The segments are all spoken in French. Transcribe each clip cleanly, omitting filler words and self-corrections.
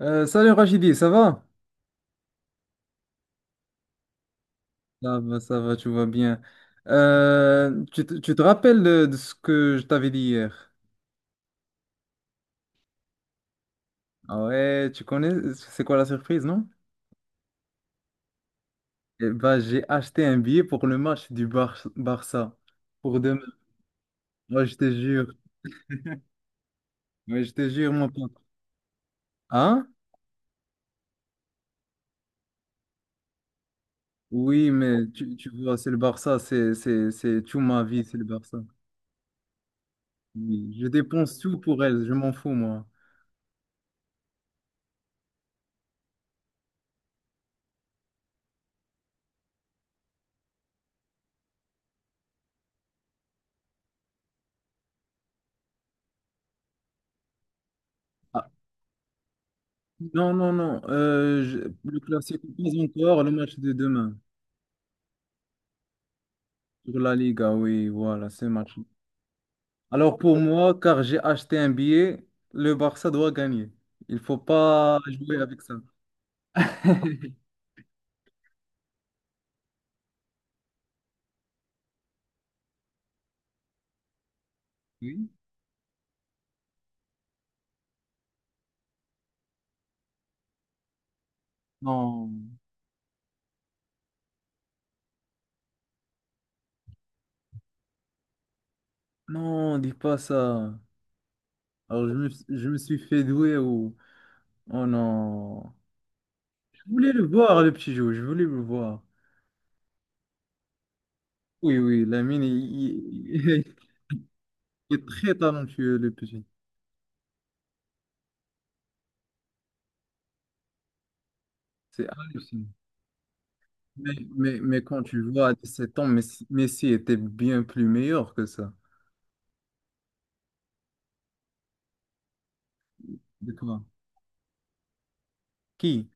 Salut Rachidi, ça va? Ça va, ça va, tu vas bien. Tu te rappelles de ce que je t'avais dit hier? Ah ouais, tu connais, c'est quoi la surprise, non? Eh ben, j'ai acheté un billet pour le match du Barça pour demain. Moi je te jure. Ouais, je te jure, mon pote. Hein? Oui, mais tu vois, c'est le Barça, c'est tout ma vie, c'est le Barça. Oui, je dépense tout pour elle, je m'en fous, moi. Ah, non, non, non. Le classique, pas encore, le match de demain. Sur la Liga, oui, voilà, c'est match. Alors pour moi, car j'ai acheté un billet, le Barça doit gagner. Il faut pas jouer avec ça. Oui? Non, non, dis pas ça. Alors je me suis fait douer ou... Oh non. Je voulais le voir, le petit jeu, je voulais le voir. Oui, oui, Lamine, il- il est très talentueux, le petit. C'est hallucinant. Mais quand tu vois à 17 ans, Messi était bien plus meilleur que ça. De quoi? Qui?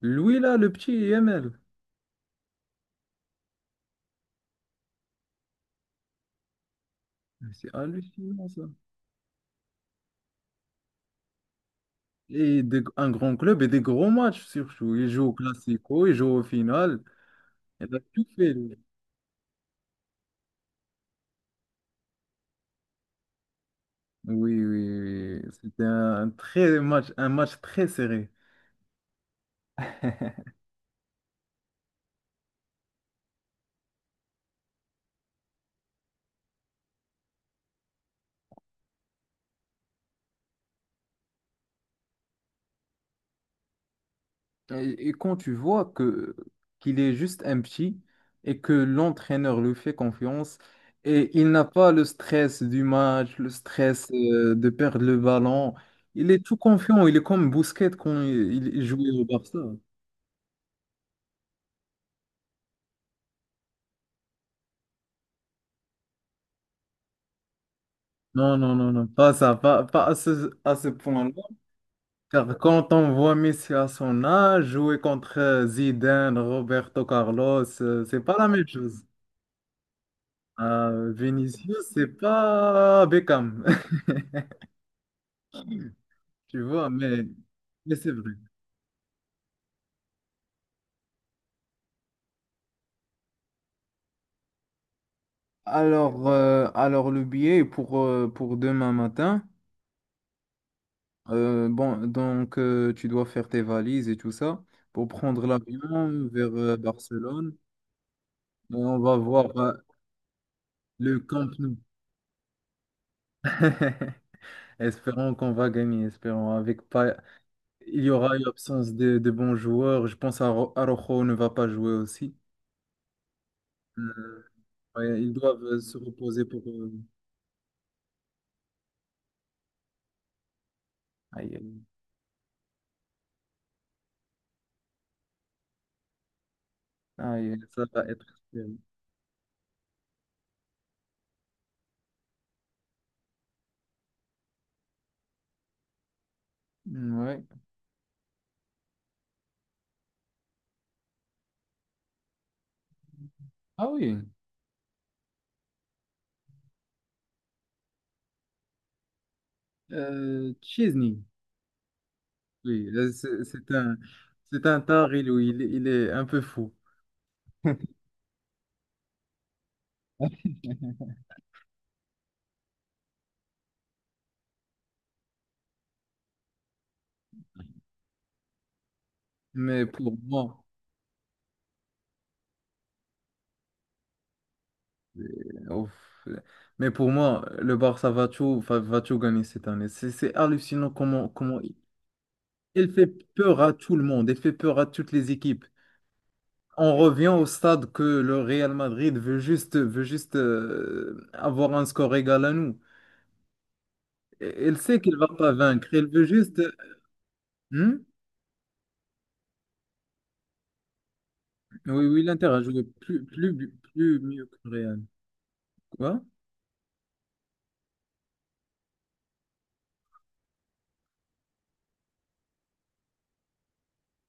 Lui, là, le petit YML. Mais c'est hallucinant, ça. Et un grand club et des gros matchs, surtout. Il joue au Classico, il joue au final. Il a tout fait, lui. Oui, oui, oui. Oui. C'était un très match, un match très serré. Et quand tu vois que qu'il est juste un petit et que l'entraîneur lui fait confiance et il n'a pas le stress du match, le stress de perdre le ballon, il est tout confiant, il est comme Busquets quand il jouait au Barça. Non, non, non, non, pas ça, pas à ce point-là. Car quand on voit Messi à son âge jouer contre Zidane, Roberto Carlos, c'est pas la même chose. Vinicius, c'est pas Beckham, tu vois, mais c'est vrai. Alors le billet pour demain matin, bon, donc tu dois faire tes valises et tout ça pour prendre l'avion vers Barcelone. Et on va voir le Camp Nou. Espérons qu'on va gagner, espérons. Avec pas... Il y aura une absence de bons joueurs. Je pense à Araujo ne va pas jouer aussi. Euh, ouais, ils doivent se reposer pour... Aïe, aïe, aïe, ça va être... euh, Ouais. Ah oui, Chesney. Oui, là, c'est un, c'est un tard, il est un peu fou. Mais pour moi, ouf. Mais pour moi, le Barça va tout gagner cette année. C'est hallucinant comment elle fait peur à tout le monde, elle fait peur à toutes les équipes. On revient au stade que le Real Madrid veut juste avoir un score égal à nous. Elle sait qu'elle va pas vaincre, elle veut juste... Hmm. Oui, oui, l'Inter a joué plus mieux que le Real. Quoi?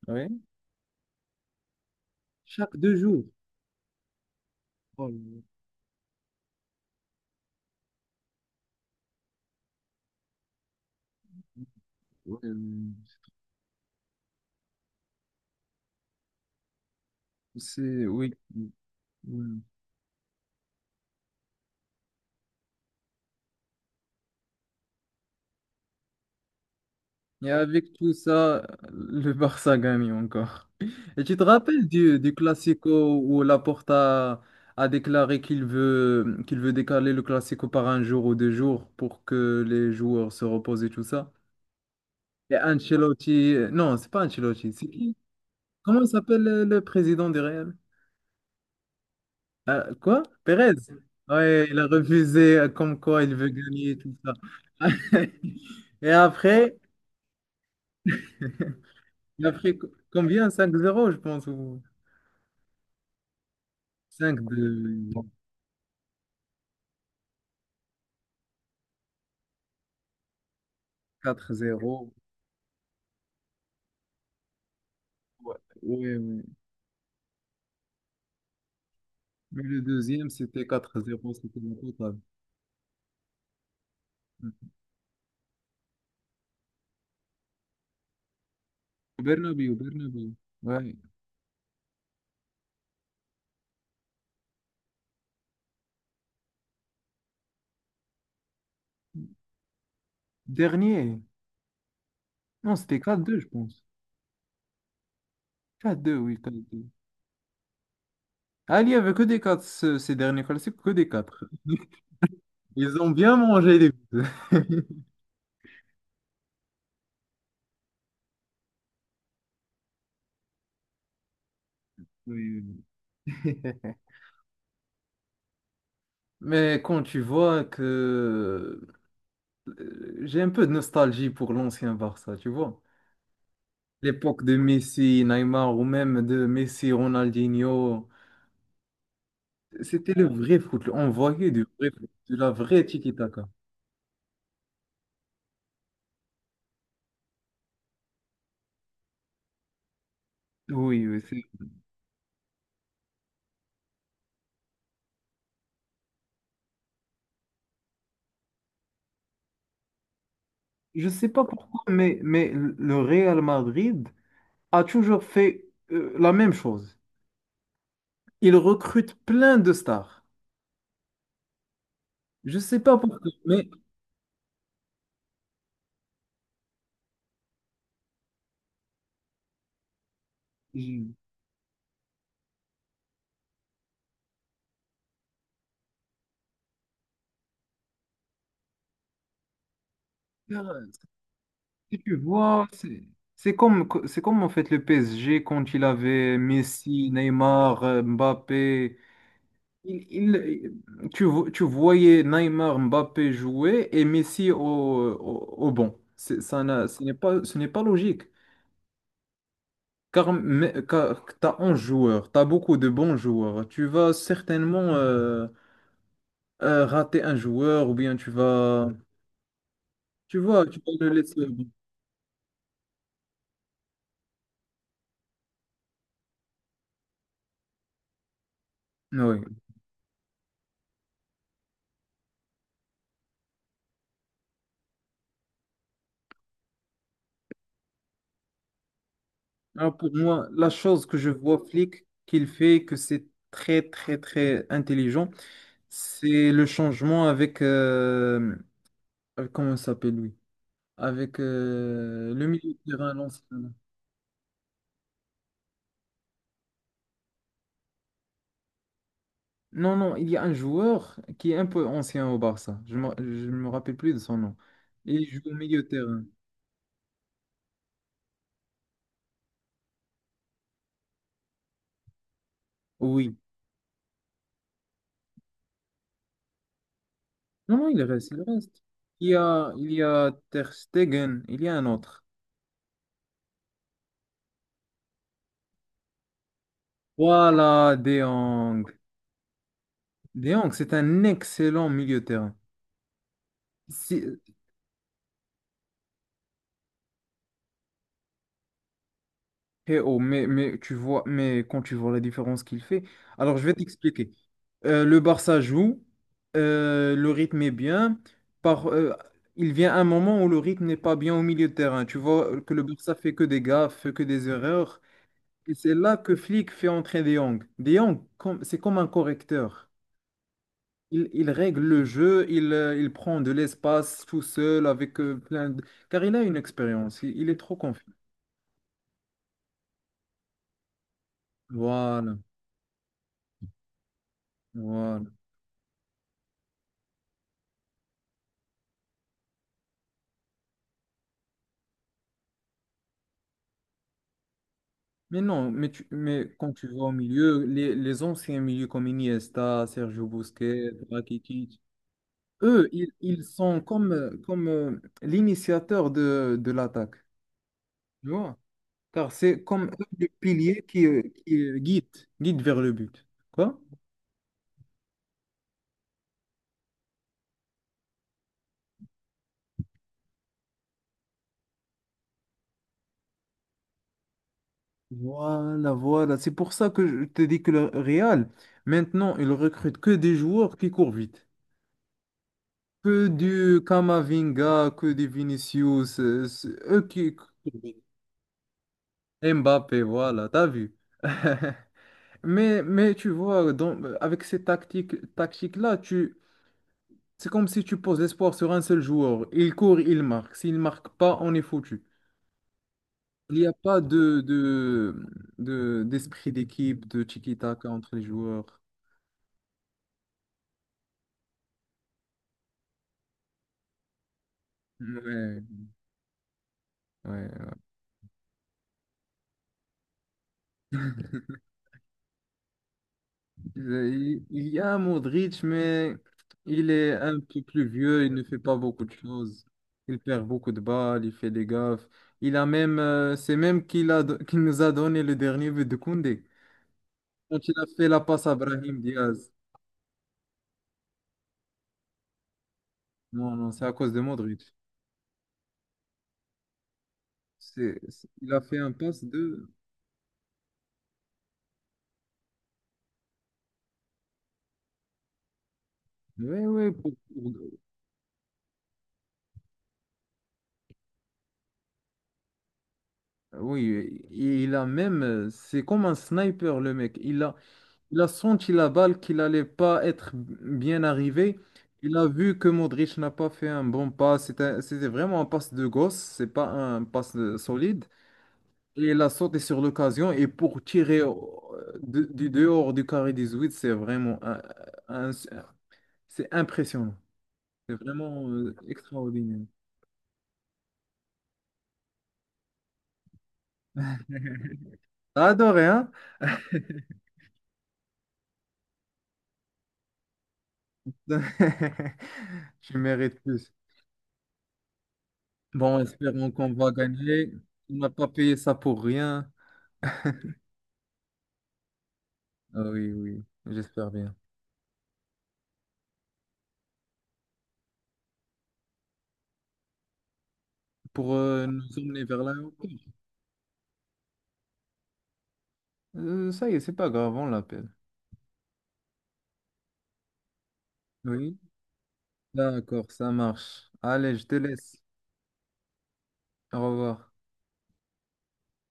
Oui. Chaque deux jours. Oh, ouais, ouais, c'est... Oui. Oui. Et avec tout ça, le Barça gagne encore. Et tu te rappelles du Classico où Laporta a déclaré qu'il veut décaler le Classico par un jour ou deux jours pour que les joueurs se reposent et tout ça? Et Ancelotti, non, c'est pas Ancelotti, c'est qui? Comment s'appelle le président du Real? Quoi? Pérez? Ouais, il a refusé comme quoi il veut gagner et tout ça. Et après, et après combien? 5-0, je pense. Cinq 2. 4-0. Ouais, ouais. Ouais. Mais le deuxième, c'était 4-0, c'était le total. Ouais. Au Bernabéu, au Bernabéu. Ouais. Dernier. Non, c'était 4-2, je pense. 4-2, oui, 4-2. Ah, il n'y avait que des 4 ces derniers classiques, que des quatre. Ils ont bien mangé les buts. Oui, oui. Mais quand tu vois que j'ai un peu de nostalgie pour l'ancien Barça, tu vois. L'époque de Messi, Neymar ou même de Messi, Ronaldinho. C'était le vrai foot. On voyait du vrai foot, de la vraie tiki-taka. Oui, oui, je sais pas pourquoi, mais le Real Madrid a toujours fait la même chose. Il recrute plein de stars. Je sais pas pourquoi, mais Je- si tu vois, c'est comme, c'est comme en fait le PSG quand il avait Messi, Neymar, Mbappé. Tu voyais Neymar, Mbappé jouer et Messi au banc. C'est- Ça n'a- ce n'est pas logique. Car tu as 11 joueurs, tu as beaucoup de bons joueurs. Tu vas certainement rater un joueur ou bien tu vois, tu vas le laisser. Oui. Alors pour moi, la chose que je vois Flick qu'il fait, que c'est très, très, très intelligent, c'est le changement avec, comment il s'appelle lui? Avec le milieu de terrain l'ancien. Non, non, il y a un joueur qui est un peu ancien au Barça. Je ne me rappelle plus de son nom. Il joue au milieu de terrain. Oui. Non, non, il reste, il reste. Il y a Ter Stegen, il y a un autre. Voilà, De Jong. De Jong, c'est un excellent milieu de terrain. Si- Eh oh, mais tu vois, mais quand tu vois la différence qu'il fait, alors je vais t'expliquer. Le Barça joue, le rythme est bien. Par, euh, il vient un moment où le rythme n'est pas bien au milieu de terrain. Tu vois que le Barça fait que des gaffes, fait que des erreurs. Et c'est là que Flick fait entrer De Jong. De Jong, c'est comme un correcteur. Il règle le jeu, il prend de l'espace tout seul avec plein de... Car il a une expérience, il est trop confiant. Voilà, voilà. Mais non, mais quand tu vas au milieu, les anciens milieux comme Iniesta, Sergio Busquets, Rakitic, eux, ils sont comme l'initiateur de l'attaque, tu vois? Car c'est comme eux le pilier qui guide, guide vers le but. Quoi? Voilà, voilà. C'est pour ça que je te dis que le Real, maintenant, il recrute que des joueurs qui courent vite. Que du Kamavinga, que des Vinicius, c'est eux qui... courent. Mbappé, voilà, t'as vu. Mais tu vois, avec ces tactiques-là, c'est comme si tu poses l'espoir sur un seul joueur. Il court, il marque. S'il ne marque pas, on est foutu. Il n'y a pas d'esprit d'équipe, de tiki-taka entre les joueurs. Ouais, ouais. Il y a Modric, mais il est un peu plus vieux, il ne fait pas beaucoup de choses. Il perd beaucoup de balles, il fait des gaffes. Il a même, c'est même qu'il nous a donné le dernier but de Koundé. Quand il a fait la passe à Brahim Diaz. Non, non, c'est à cause de Modric. Il a fait un passe de... Oui, oui, oui, il a même... C'est comme un sniper, le mec. Il a senti la balle qu'il allait pas être bien arrivé. Il a vu que Modric n'a pas fait un bon pas. C'était vraiment un passe de gosse, c'est pas un passe solide. Et il a sauté sur l'occasion. Et pour tirer du dehors du carré 18, c'est vraiment un- c'est impressionnant. C'est vraiment extraordinaire. T'as adoré, hein? Tu mérites plus. Bon, espérons qu'on va gagner. On n'a pas payé ça pour rien. Ah oui, oui, j'espère bien. Pour nous emmener vers l'aéroport. Ça y est, c'est pas grave, on l'appelle. Oui, d'accord, ça marche. Allez, je te laisse. Au revoir.